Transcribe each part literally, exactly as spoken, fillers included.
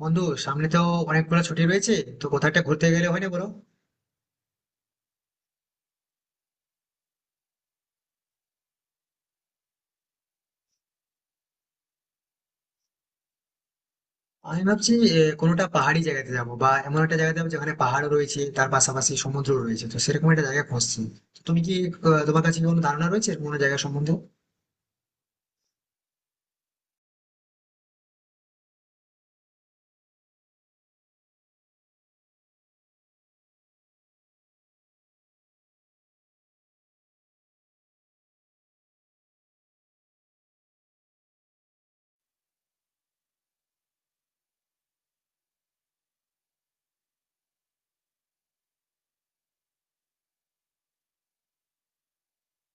বন্ধু, সামনে তো অনেকগুলো ছুটি রয়েছে, তো কোথাও একটা ঘুরতে গেলে হয় না বলো? আমি ভাবছি এ, কোনোটা পাহাড়ি জায়গাতে যাবো বা এমন একটা জায়গাতে যাবো যেখানে পাহাড় রয়েছে তার পাশাপাশি সমুদ্র রয়েছে, তো সেরকম একটা জায়গা খুঁজছি। তো তুমি কি আহ, তোমার কাছে কি কোনো ধারণা রয়েছে এরকম কোনো জায়গা সম্বন্ধে?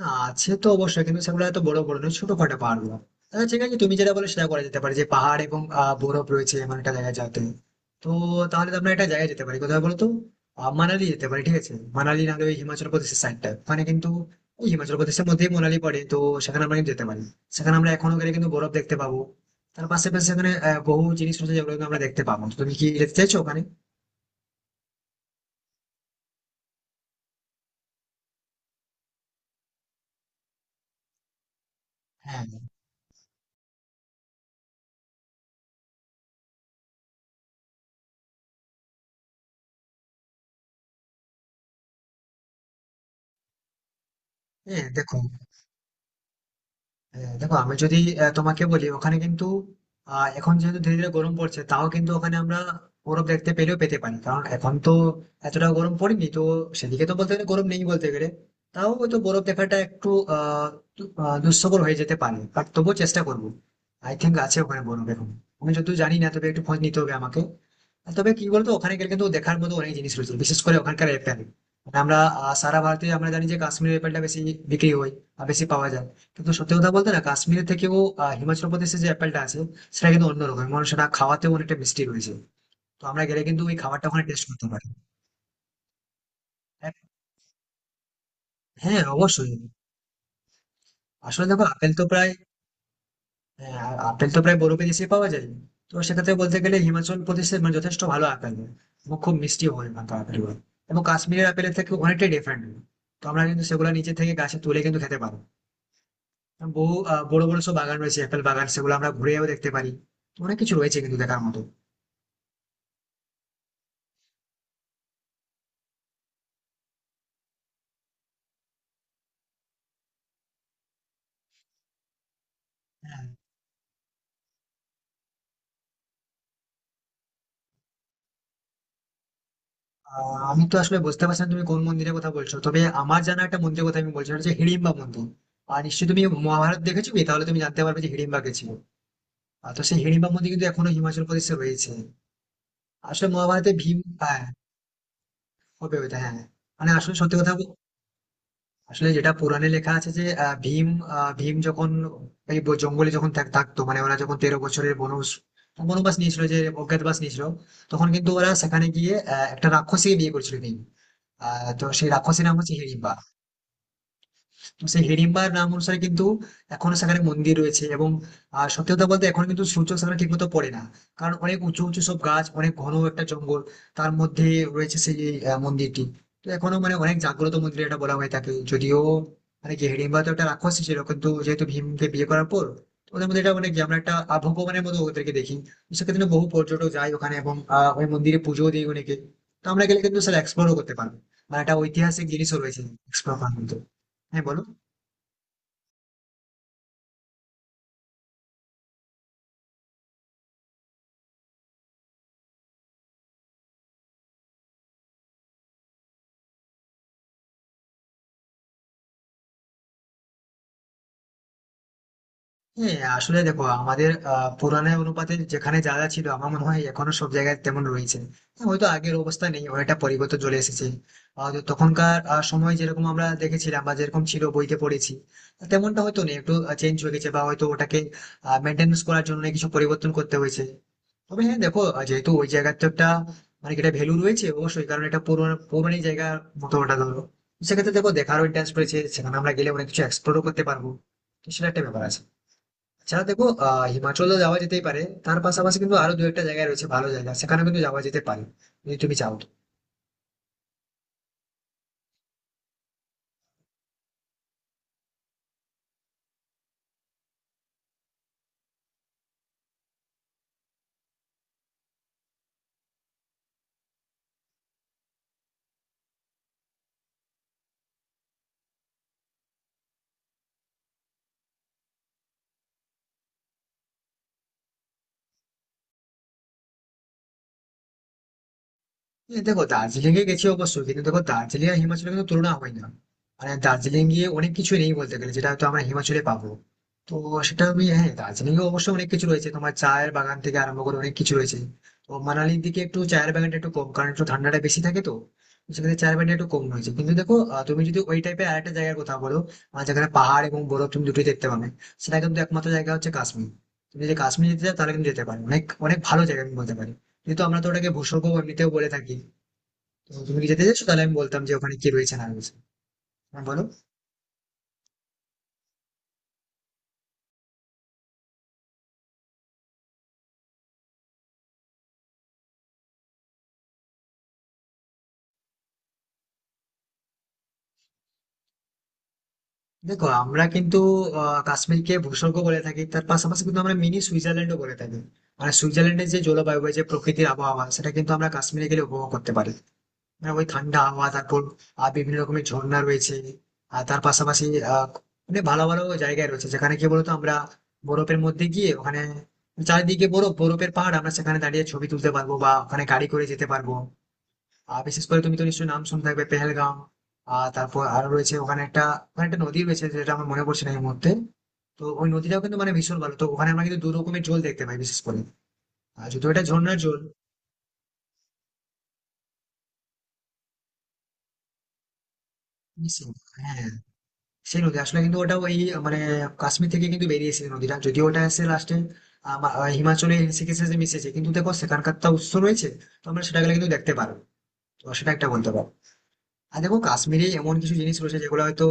না, আছে তো অবশ্যই, কিন্তু সেগুলো এত বড় বড় নয়, ছোটখাটো পাহাড় গুলো। তাহলে ঠিক আছে, তুমি যেটা বলে সেটা করা যেতে পারে, যে পাহাড় এবং আহ, বরফ রয়েছে এমন একটা জায়গায় যাতে। তো তাহলে তো আমরা একটা জায়গায় যেতে পারি, কোথায় বলতো? আহ, মানালি যেতে পারি, ঠিক আছে মানালি, নাহলে ওই হিমাচল প্রদেশের সাইডটা মানে কিন্তু ওই হিমাচল প্রদেশের মধ্যেই মানালি পড়ে তো। সেখানে আমরা কিন্তু যেতে পারি, সেখানে আমরা এখনো গেলে কিন্তু বরফ দেখতে পাবো। তার পাশাপাশি সেখানে আহ, বহু জিনিস রয়েছে যেগুলো কিন্তু আমরা দেখতে পাবো, তো তুমি কি যেতে চাইছো ওখানে? হ্যাঁ, হ্যাঁ, দেখো। হ্যাঁ, দেখো আমি যদি আহ, তোমাকে বলি, ওখানে কিন্তু আহ, এখন যেহেতু ধীরে ধীরে গরম পড়ছে, তাও কিন্তু ওখানে আমরা বরফ দেখতে পেলেও পেতে পারি, কারণ এখন তো এতটা গরম পড়েনি তো, সেদিকে তো বলতে গেলে গরম নেই বলতে গেলে। তাও হয়তো বরফ দেখাটা একটু আহ দু- আহ, দুঃস্থকর হয়ে যেতে পারে, বাট তবুও চেষ্টা করবো। আই থিঙ্ক আছে ওখানে বরফ এখন, আমি যদিও জানি না, তবে একটু খোঁজ নিতে হবে আমাকে। আর তবে কি বলতো, ওখানে গেলে কিন্তু দেখার মতো অনেক জিনিস রয়েছে, বিশেষ করে ওখানকার অ্যাপেল। আমরা আহ, সারা ভারতে আমরা জানি যে কাশ্মীরের অ্যাপেলটা বেশি বিক্রি হয় বা বেশি পাওয়া যায়, কিন্তু সত্যি কথা বলতে না, কাশ্মীরের থেকেও আহ, হিমাচল প্রদেশে যে অ্যাপেলটা আছে সেটা কিন্তু অন্যরকম, মানে সেটা খাওয়াতেও অনেকটা মিষ্টি রয়েছে। তো আমরা গেলে কিন্তু ওই খাবারটা ওখানে টেস্ট করতে পারি। হ্যাঁ। হ্যাঁ, অবশ্যই। আসলে দেখো আপেল তো প্রায়, আহ, আপেল তো প্রায় বরফে দেশে পাওয়া যায়। তো সেক্ষেত্রে বলতে গেলে হিমাচল প্রদেশে মানে যথেষ্ট ভালো আপেল হয়, এবং খুব মিষ্টি হয় ওখানকার আপেলগুলো, এবং কাশ্মীরের আপেলের থেকে অনেকটাই ডিফারেন্ট। তো আমরা কিন্তু সেগুলো নিচে থেকে গাছে তুলে কিন্তু খেতে পারবো, এবং বহু আহ, বড় বড় সব বাগান রয়েছে আপেল বাগান, সেগুলো আমরা ঘুরেও দেখতে পারি। তো অনেক কিছু রয়েছে কিন্তু দেখার মতো। হ্যাঁ। আহ, আমি তো আসলে বুঝতে পারছি না তুমি কোন মন্দিরের কথা বলছো, তবে আমার জানা একটা মন্দিরের কথা আমি বলছি, সেটা হচ্ছে হিড়িম্বা মন্দির। আর নিশ্চয়ই তুমি মহাভারত দেখেছো কি? তাহলে তুমি জানতে পারবে যে হিড়িম্বা কে ছিল। আর তো সেই হিড়িম্বা মন্দির কিন্তু এখনো হিমাচল প্রদেশে রয়েছে। আসলে মহাভারতে ভীম, হ্যাঁ। হবে ওইটা, হ্যাঁ। মানে আসলে সত্যি কথা বল- আসলে যেটা পুরাণে লেখা আছে যে আহ, ভীম, আহ, ভীম যখন এই ব- জঙ্গলে যখন থাক- থাকতো, মানে ওরা যখন তেরো বছরের বনবাস, বনবাস নিয়েছিল, যে অজ্ঞাতবাস নিয়েছিল, তখন কিন্তু ওরা সেখানে গিয়ে আহ, একটা রাক্ষসীকে বিয়ে করেছিল ভীম। আহ, তো সেই রাক্ষসীর নাম হচ্ছে হিড়িম্বা। সেই হিড়িম্বার নাম অনুসারে কিন্তু এখনো সেখানে মন্দির রয়েছে, এবং আহ, সত্যি কথা বলতে এখন কিন্তু সূর্য সেখানে ঠিকমতো পড়ে না, কারণ অনেক উঁচু উঁচু সব গাছ, অনেক ঘন একটা জঙ্গল, তার মধ্যে রয়েছে সেই আহ, মন্দিরটি। তো এখনো মানে অনেক জাগ্রত মন্দির এটা, বলা হয় তাকে। যদিও মানে কি, হিড়িম্বা তো একটা রাক্ষসী ছিল, কিন্তু যেহেতু ভীমকে বিয়ে করার পর, তো ওদের মধ্যে এটা মানে কি আমরা একটা আহ, ভগবানের মতো ওদেরকে দেখি। তো সেক্ষেত্রে বহু পর্যটক যায় ওখানে এবং আহ, ওই মন্দিরে পুজো দিই অনেকে। তো আমরা গেলে কিন্তু স্যার এক্সপ্লোরও করতে পারবো, মানে একটা ঐতিহাসিক জিনিসও রয়েছে এক্সপ্লোর করার মতো। হ্যাঁ বলো। হ্যাঁ, আসলে দেখো আমাদের আহ পুরানের অনুপাতে যেখানে যা যা ছিল, আমার মনে হয় এখনো সব জায়গায় তেমন রয়েছে। হ্যাঁ, হয়তো আগের অবস্থা নেই, অনেকটা পরিবর্তন চলে এসেছে। আহ, তো তখনকার আহ, সময় যেরকম আমরা দেখেছিলাম বা যেরকম ছিল বইতে পড়েছি, তেমনটা হয়তো নেই, একটু চেঞ্জ হয়ে গেছে, বা হয়তো ওটাকে মেনটেন্স করার জন্য কিছু পরিবর্তন করতে হয়েছে। তবে হ্যাঁ দেখো আহ, যেহেতু ওই জায়গার তো একটা মানে কি এটা ভ্যালু রয়েছে অবশ্যই, কারণ এটা পুরনো পুরনো জায়গার মতো ওটা ধরো। সেক্ষেত্রে দেখো দেখারও ইন্টারেস্ট রয়েছে, সেখানে আমরা গেলে অনেক কিছু এক্সপ্লোরও করতে পারবো। তো সেটা একটা ব্যাপার আছে। আচ্ছা দেখো আহ হিমাচল তো যাওয়া যেতেই পারে, তার পাশাপাশি কিন্তু আরো দু একটা জায়গা রয়েছে ভালো জায়গা, সেখানে কিন্তু যাওয়া যেতে পারে, যদি তুমি চাও। এই দেখো দার্জিলিং এ গেছি অবশ্যই, কিন্তু দেখো দার্জিলিং আর হিমাচলের কিন্তু তুলনা হয় না, মানে দার্জিলিং গিয়ে অনেক কিছু নেই বলতে গেলে যেটা হয়তো আমরা হিমাচলে পাবো। তো সেটা আমি, হ্যাঁ দার্জিলিং এ অবশ্যই অনেক কিছু রয়েছে, তোমার চায়ের বাগান থেকে আরম্ভ করে অনেক কিছু রয়েছে। তো মানালির দিকে একটু চায়ের বাগানটা একটু কম, কারণ একটু ঠান্ডাটা বেশি থাকে তো। তো সেক্ষেত্রে চায়ের বাগানটা একটু কম রয়েছে, কিন্তু দেখো আহ, তুমি যদি ওই টাইপের আরেকটা জায়গার কথা বলো, আহ, যেখানে পাহাড় এবং বরফ তুমি দুটোই দেখতে পাবে, সেটা কিন্তু একমাত্র জায়গা হচ্ছে কাশ্মীর। তুমি যদি কাশ্মীর যেতে চাও তাহলে কিন্তু যেতে পারো, অনেক অনেক ভালো জায়গা আমি বলতে পারি, কিন্তু আমরা তো ওটাকে ভূস্বর্গ এমনিতেও বলে থাকি। তো তুমি কি যেতে চাইছো? তাহলে আমি বলতাম যে ওখানে কি রয়েছে না রয়েছে। হ্যাঁ, বলো। দেখো আমরা কিন্তু আহ, কাশ্মীরকে ভূস্বর্গ বলে থাকি, তার পাশাপাশি কিন্তু আমরা মিনি সুইজারল্যান্ডও বলে থাকি। আর সুইজারল্যান্ডের যে জলবায়ু বা যে প্রকৃতির আবহাওয়া সেটা কিন্তু আমরা কাশ্মীরে গেলে উপভোগ করতে পারি, মানে ওই ঠান্ডা আবহাওয়া, তারপর আহ, বিভিন্ন রকমের ঝর্ণা রয়েছে। আর তার পাশাপাশি আহ মানে ভালো ভালো জায়গায় রয়েছে যেখানে কি বলতো আমরা বরফের মধ্যে গিয়ে ওখানে চারিদিকে বরফ, বরফের পাহাড়, আমরা সেখানে দাঁড়িয়ে ছবি তুলতে পারবো বা ওখানে গাড়ি করে যেতে পারবো। আহ, বিশেষ করে তুমি তো নিশ্চয়ই নাম শুনে থাকবে পেহেলগাঁও। আহ তারপর আরো রয়েছে ওখানে একটা, ওখানে একটা নদী রয়েছে যেটা আমার মনে পড়ছে না এই মুহূর্তে। তো ওই নদীটাও কিন্তু মানে ভীষণ ভালো, তো ওখানে আমরা কিন্তু দু রকমের জল দেখতে পাই বিশেষ করে, আর যদিও এটা ঝর্ণার জল। মিশিং, হ্যাঁ। সেই নদী আসলে কিন্তু ওটা ওই মানে কাশ্মীর থেকে কিন্তু বেরিয়েছে এই নদীটা, যদিও ওটা এসে লাস্টে হিমাচলে ঋষিকেশে যে মিশেছে, কিন্তু দেখো সেখানকার তো উৎস রয়েছে। তো আমরা সেটা গেলে কিন্তু দেখতে পারবো, তো সেটা একটা বলতে পারো। আর দেখো কাশ্মীরে এমন কিছু জিনিস রয়েছে যেগুলো হয়তো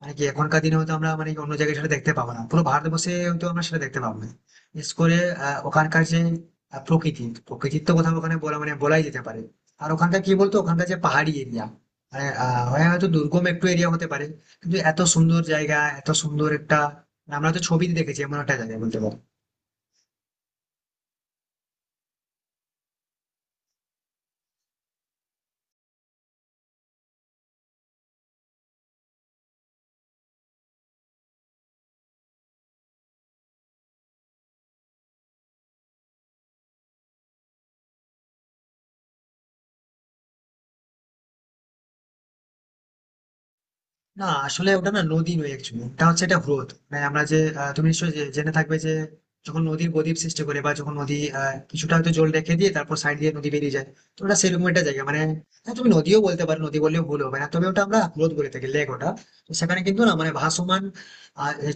মানে কি এখনকার দিনে হয়তো আমরা মানে অন্য জায়গায় সেটা দেখতে পাবো না, পুরো ভারতবর্ষে হয়তো আমরা সেটা দেখতে পাবো না, বিশেষ করে আহ, ওখানকার যে আহ, প্রকৃতি, প্রকৃতির তো কথা ওখানে বলা মানে বলাই যেতে পারে। আর ওখানকার কি বলতো, ওখানকার যে পাহাড়ি এরিয়া, মানে আহ, হয় হয়তো দুর্গম একটু এরিয়া হতে পারে, কিন্তু এত সুন্দর জায়গা, এত সুন্দর একটা মানে আমরা তো ছবিতে দেখেছি এমন একটা জায়গা বলতে পারো। না আসলে ওটা না নদী নয়, অ্যাকচুয়ালি ওটা হচ্ছে একটা হ্রদ, মানে আমরা যে আহ, তুমি নিশ্চয়ই জে- জেনে থাকবে যে যখন নদীর বদ্বীপ সৃষ্টি করে বা যখন নদী আহ, কিছুটা হয়তো জল রেখে দিয়ে তারপর সাইড দিয়ে নদী বেরিয়ে যায়, তো ওটা সেরকম একটা জায়গা মানে। হ্যাঁ, তুমি নদীও বলতে পারো, নদী বললেও ভুল হবে না, তবে ওটা আমরা হ্রদ বলে থাকি, লেক ওটা। তো সেখানে কিন্তু না মানে ভাসমান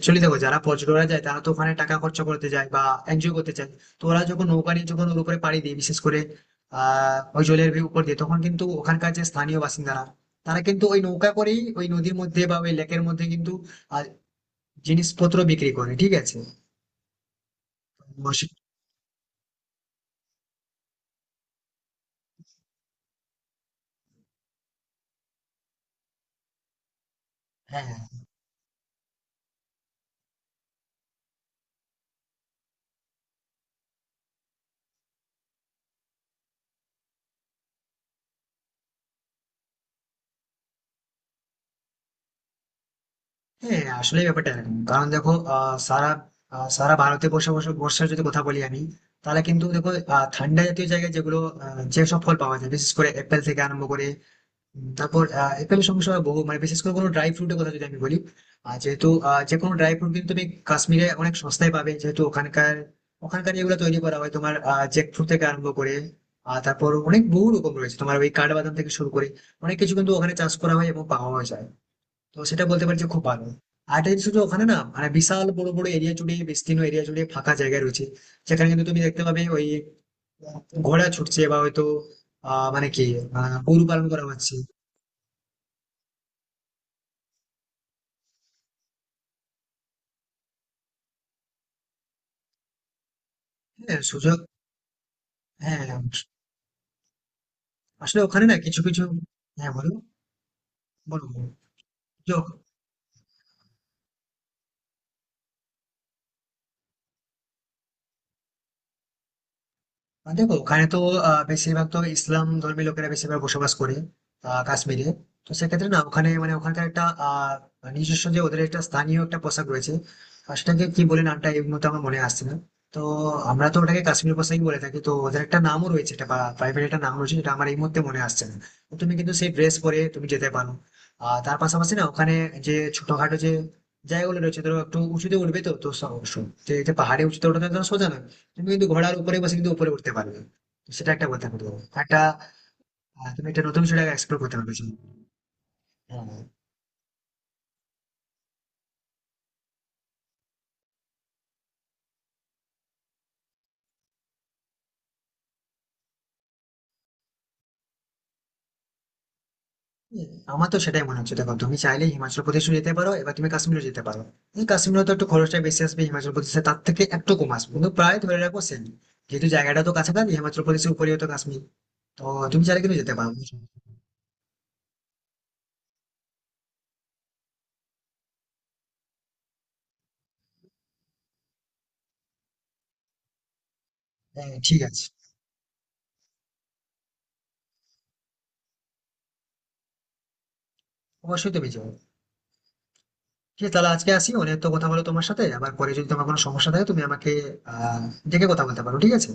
চলে, দেখো যারা পর্যটকরা যায় তারা তো ওখানে টাকা খরচা করতে যায় বা এনজয় করতে চায়। তো ওরা যখন নৌকা নিয়ে যখন ওর উপরে পাড়ি দিয়ে বিশেষ করে আহ ওই জলের ভিউ উপর দিয়ে, তখন কিন্তু ওখানকার যে স্থানীয় বাসিন্দারা, তারা কিন্তু ওই নৌকা করেই ওই নদীর মধ্যে বা ওই লেকের মধ্যে কিন্তু আহ, জিনিসপত্র বিক্রি করে, ঠিক আছে। বসে- হ্যাঁ। হ্যাঁ আসলে ব্যাপারটা এরকম, কারণ দেখো আহ, সারা আহ, সারা ভারতে বসে বসে বর্ষার যদি কথা বলি আমি, তাহলে কিন্তু দেখো আহ, ঠান্ডা জাতীয় জায়গায় যেগুলো আহ, যেসব ফল পাওয়া যায়, বিশেষ করে অ্যাপেল থেকে আরম্ভ করে, উম, তারপর আহ, একটা বেশ সমস্যা হয় বহু, মানে বিশেষ করে কোনো ড্রাই ফ্রুটের কথা যদি আমি বলি, আহ, যেহেতু আহ, যে কোনো ড্রাই ফ্রুট কিন্তু তুমি কাশ্মীরে অনেক সস্তায় পাবে, যেহেতু ওখানকার, ওখানকার এগুলো তৈরি করা হয়, তোমার জ্যাক ফ্রুট থেকে আরম্ভ করে, আর তারপর অনেক বহু রকম রয়েছে তোমার ওই কাঠবাদাম থেকে শুরু করে, অনেক কিছু কিন্তু ওখানে চাষ করা হয় এবং পাওয়া যায়। তো সেটা বলতে পারি যে খুব ভালো। আর একটা জিনিস হচ্ছে ওখানে না মানে বিশাল বড় বড় এরিয়া জুড়ে, বিস্তীর্ণ এরিয়া জুড়ে ফাঁকা জায়গা রয়েছে, যেখানে কিন্তু তুমি দেখতে পাবে ওই আহ, ঘোড়া ছুটছে বা হয়তো আহ মানে কি আহ গরু পালন করা হচ্ছে। হ্যাঁ, সুযোগ। হ্যাঁ, আসলে ওখানে না কিছু, কিছু হ্যাঁ, বলো, বলো, বলো। আহ দেখো ওখানে তো আহ, বেশিরভাগ তো ইসলাম ধর্মী লোকেরা বেশিরভাগ বসবাস করে আহ, কাশ্মীরে। তো সেক্ষেত্রে না ওখানে মানে ওখানকার একটা আহ, নিজস্ব, যে ওদের একটা স্থানীয় একটা পোশাক রয়েছে, আর সেটাকে কি বলে নামটা এই মুহূর্তে আমার মনে আসছে না। তো আমরা তো ওটাকে কাশ্মীর পোশাকই বলে থাকি, তো ওদের একটা নামও রয়েছে এটা, প্রাইভেট একটা নাম রয়েছে যেটা আমার এই মুহূর্তে মনে আসছে না। তো তুমি কিন্তু সেই ড্রেস পরে তুমি যেতে পারো। আর তার পাশাপাশি না ওখানে যে ছোটখাটো যে জায়গাগুলো রয়েছে, ধরো একটু উঁচুতে উঠবে তো, তো সব- সব- যে যে পাহাড়ে উঁচুতে ওঠা তো একদম সোজা না, তুমি কিন্তু ঘোড়ার উপরে বসে কিন্তু উপরে উঠতে পারবে। তো সেটা একটা কথা বলতে পারো, একটা আহ, তুমি একটা নতুন সেটাকে এক্সপ্লোর করতে পারবে। হ্যাঁ। আমার তো সেটাই মনে হচ্ছে, দেখো তুমি চাইলে হিমাচল প্রদেশও যেতে পারো, এবার তুমি কাশ্মীরও যেতে পারো, কিন্তু কাশ্মীরে তো একটু খরচটা বেশি আসবে, হিমাচল প্রদেশে তার থেকে একটু কম আসবে, কিন্তু প্রায় ধরে রাখো সেম, যেহেতু জায়গাটা তো কাছাকাছি, হিমাচল প্রদেশের উপরে তো কাশ্মীর। তো তুমি চাইলে কিন্তু যেতে পারো। হ্যাঁ ঠিক আছে। অবশ্যই তুমি যাও। ঠিক আছে তাহলে আজকে আসি, অনেক তো কথা বলো তোমার সাথে, আবার পরে যদি তোমার কোনো সমস্যা থাকে তুমি আমাকে আহ ডেকে কথা বলতে পারো, ঠিক আছে।